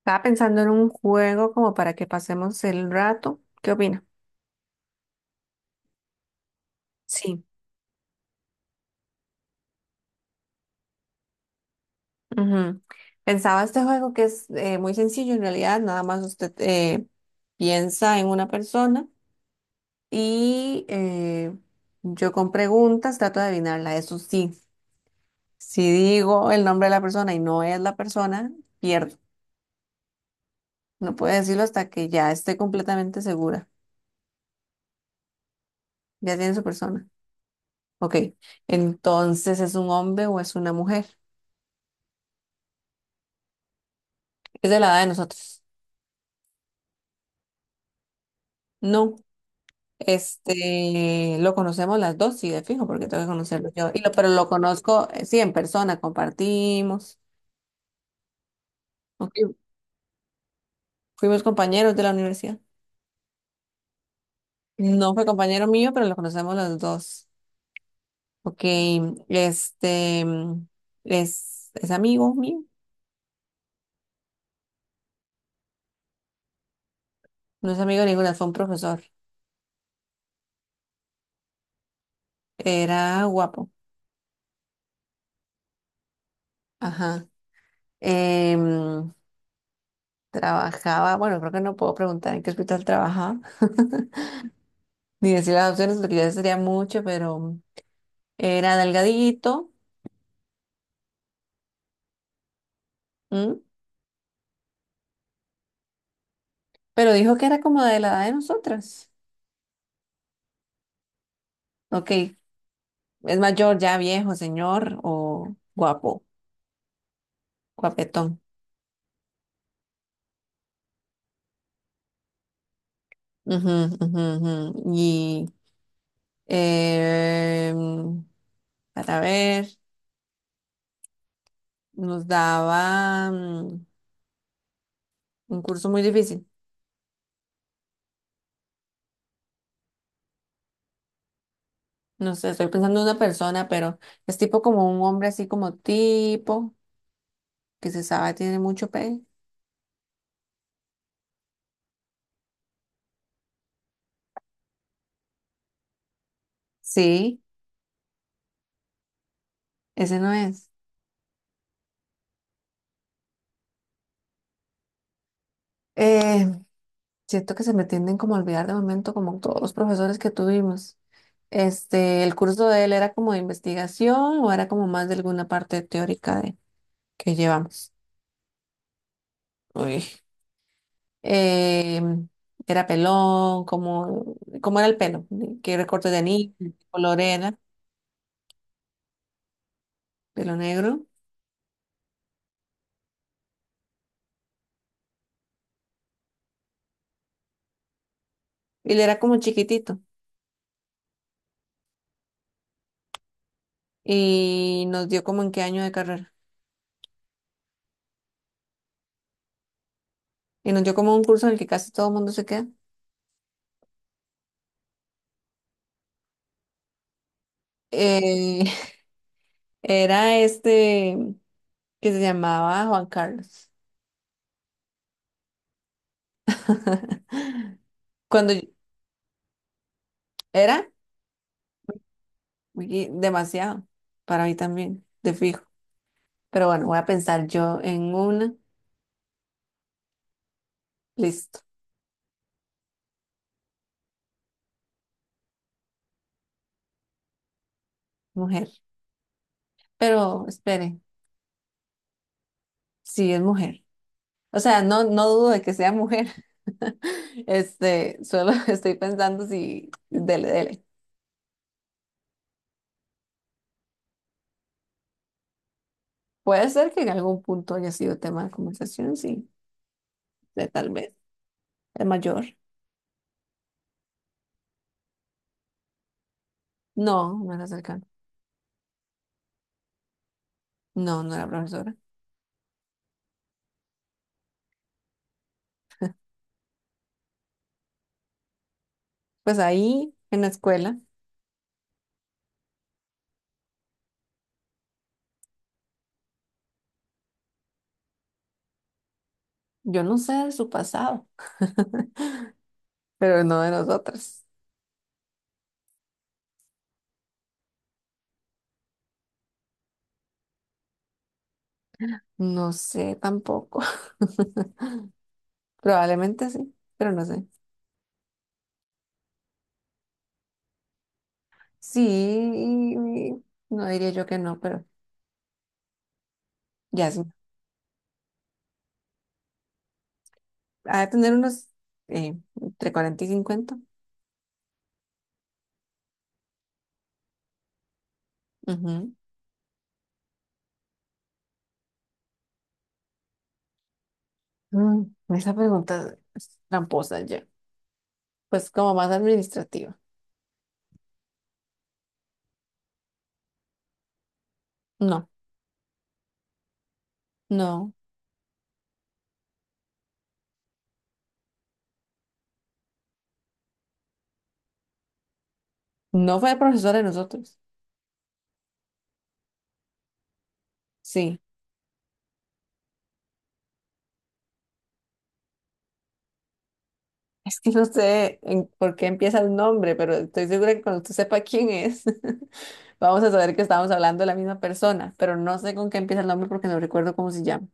Estaba pensando en un juego como para que pasemos el rato. ¿Qué opina? Sí. Ujú. Pensaba este juego que es muy sencillo en realidad, nada más usted piensa en una persona y yo con preguntas trato de adivinarla. Eso sí, si digo el nombre de la persona y no es la persona, pierdo. No puedo decirlo hasta que ya esté completamente segura. Ya tiene su persona. Ok, entonces ¿es un hombre o es una mujer? Es de la edad de nosotros. No. Lo conocemos las dos, sí, de fijo, porque tengo que conocerlo yo. Y pero lo conozco, sí, en persona, compartimos. Ok, fuimos compañeros de la universidad. No fue compañero mío, pero lo conocemos los dos. Ok, este, mm, es amigo mío. No es amigo de ninguna, fue un profesor. Era guapo. Ajá. Em, trabajaba, bueno, creo que no puedo preguntar en qué hospital trabajaba, ni decir las opciones, porque ya sería mucho, pero... Era delgadito, ¿m? Pero dijo que era como de la edad de nosotras. Ok, es mayor, ya viejo, señor, o guapo, guapetón. Ujú, ujú, ujú. Y em, para ver, nos daba un curso muy difícil. No sé, estoy pensando en una persona, pero es tipo como un hombre así como tipo, que se sabe tiene mucho pelo. Sí, ese no es. Em, Siento que se me tienden como a olvidar de momento, como todos los profesores que tuvimos. El curso de él era como de investigación o era como más de alguna parte teórica de, que llevamos. Uy. Em, era pelón, como era el pelo, qué recorte de anillo, qué color era, pelo negro. Y él era como chiquitito y nos dio como en qué año de carrera. Y nos dio como un curso en el que casi todo el mundo se queda. Eh, era este que se llamaba Juan Carlos. Cuando yo- era y demasiado para mí también, de fijo. Pero bueno, voy a pensar yo en una. Listo, mujer. Pero espere, sí es mujer. O sea, no, no dudo de que sea mujer. Solo estoy pensando si, dele, dele. Puede ser que en algún punto haya sido tema de conversación, sí, de tal vez. Es mayor. No, no era cercano. No, no era profesora. Pues ahí, en la escuela, yo no sé de su pasado, pero no de nosotras. No sé tampoco. Probablemente sí, pero no sé. Sí, no diría yo que no, pero ya sí. Ha de tener unos entre 40 y 50. Ujú. Mm, esa pregunta es tramposa ya. Pues como más administrativa. No, no. No fue profesora de nosotros. Sí. Es que no sé por qué empieza el nombre, pero estoy segura que cuando usted sepa quién es. Vamos a saber que estábamos hablando de la misma persona, pero no sé con qué empieza el nombre porque no recuerdo cómo se llama.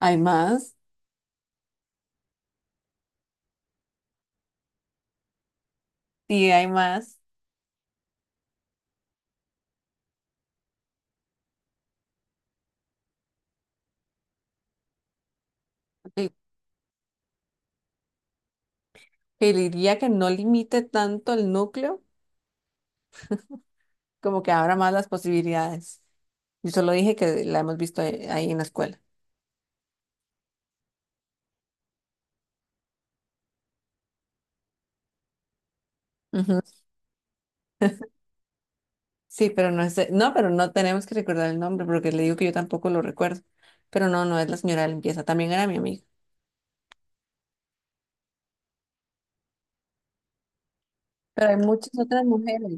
¿Hay más? Sí, hay más. Que, que diría que no limite tanto el núcleo, como que abra más las posibilidades. Yo solo dije que la hemos visto ahí en la escuela. Ujú. Sí, pero no es no, pero no tenemos que recordar el nombre porque le digo que yo tampoco lo recuerdo. Pero no, no es la señora de limpieza, también era mi amiga. Pero hay muchas otras mujeres.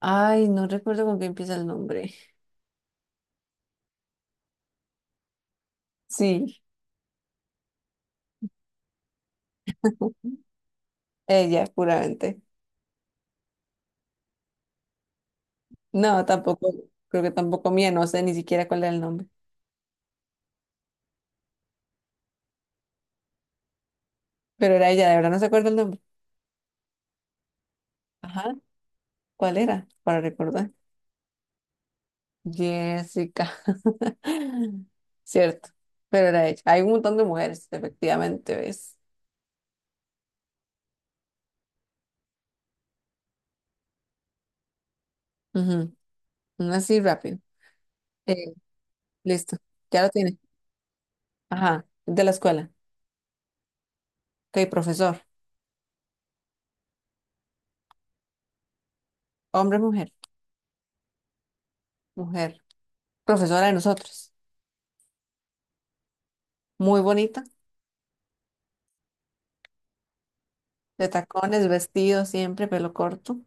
Ay, no recuerdo con qué empieza el nombre. Sí, ella, puramente. No, tampoco, creo que tampoco mía, no sé ni siquiera cuál era el nombre. Pero era ella, de verdad no se acuerda el nombre. Ajá, ¿cuál era? Para recordar. Jessica. Cierto, pero era ella. Hay un montón de mujeres, efectivamente, ¿ves? Ujú, una así rápido. Eh, listo, ya lo tiene. Ajá, de la escuela. Ok, profesor. Hombre, mujer. Mujer. Profesora de nosotros. Muy bonita, de tacones, vestido siempre, pelo corto.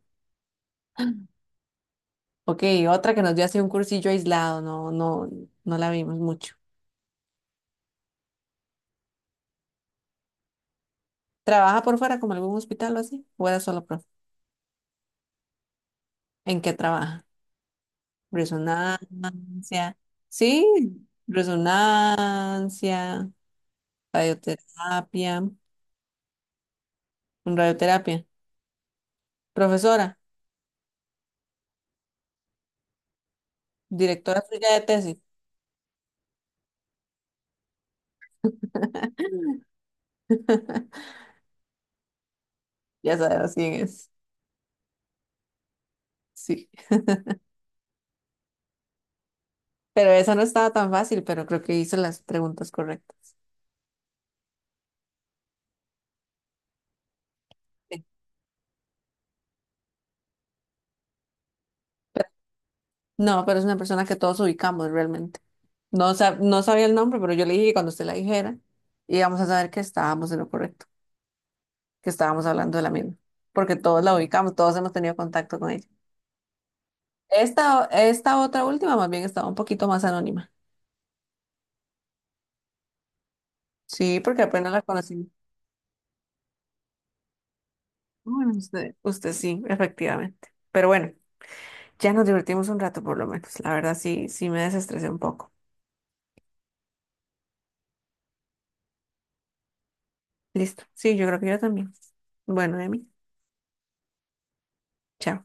Ok, otra que nos dio así un cursillo aislado, no, no, no la vimos mucho. ¿Trabaja por fuera como algún hospital o así? ¿O era solo profe? ¿En qué trabaja? Resonancia. Sí, resonancia, radioterapia, radioterapia. Profesora, directora suya de tesis. Ya sabes quién es. Sí. Pero esa no estaba tan fácil, pero creo que hice las preguntas correctas. Sí. Pero- no, pero es una persona que todos ubicamos realmente. No, no sabía el nombre, pero yo le dije que cuando usted la dijera, íbamos a saber que estábamos en lo correcto, que estábamos hablando de la misma, porque todos la ubicamos, todos hemos tenido contacto con ella. Esta otra última más bien estaba un poquito más anónima. Sí, porque apenas la conocí. Bueno, usted sí, efectivamente. Pero bueno, ya nos divertimos un rato por lo menos. La verdad sí, sí me desestresé un poco. Listo. Sí, yo creo que yo también. Bueno, Emi, chao.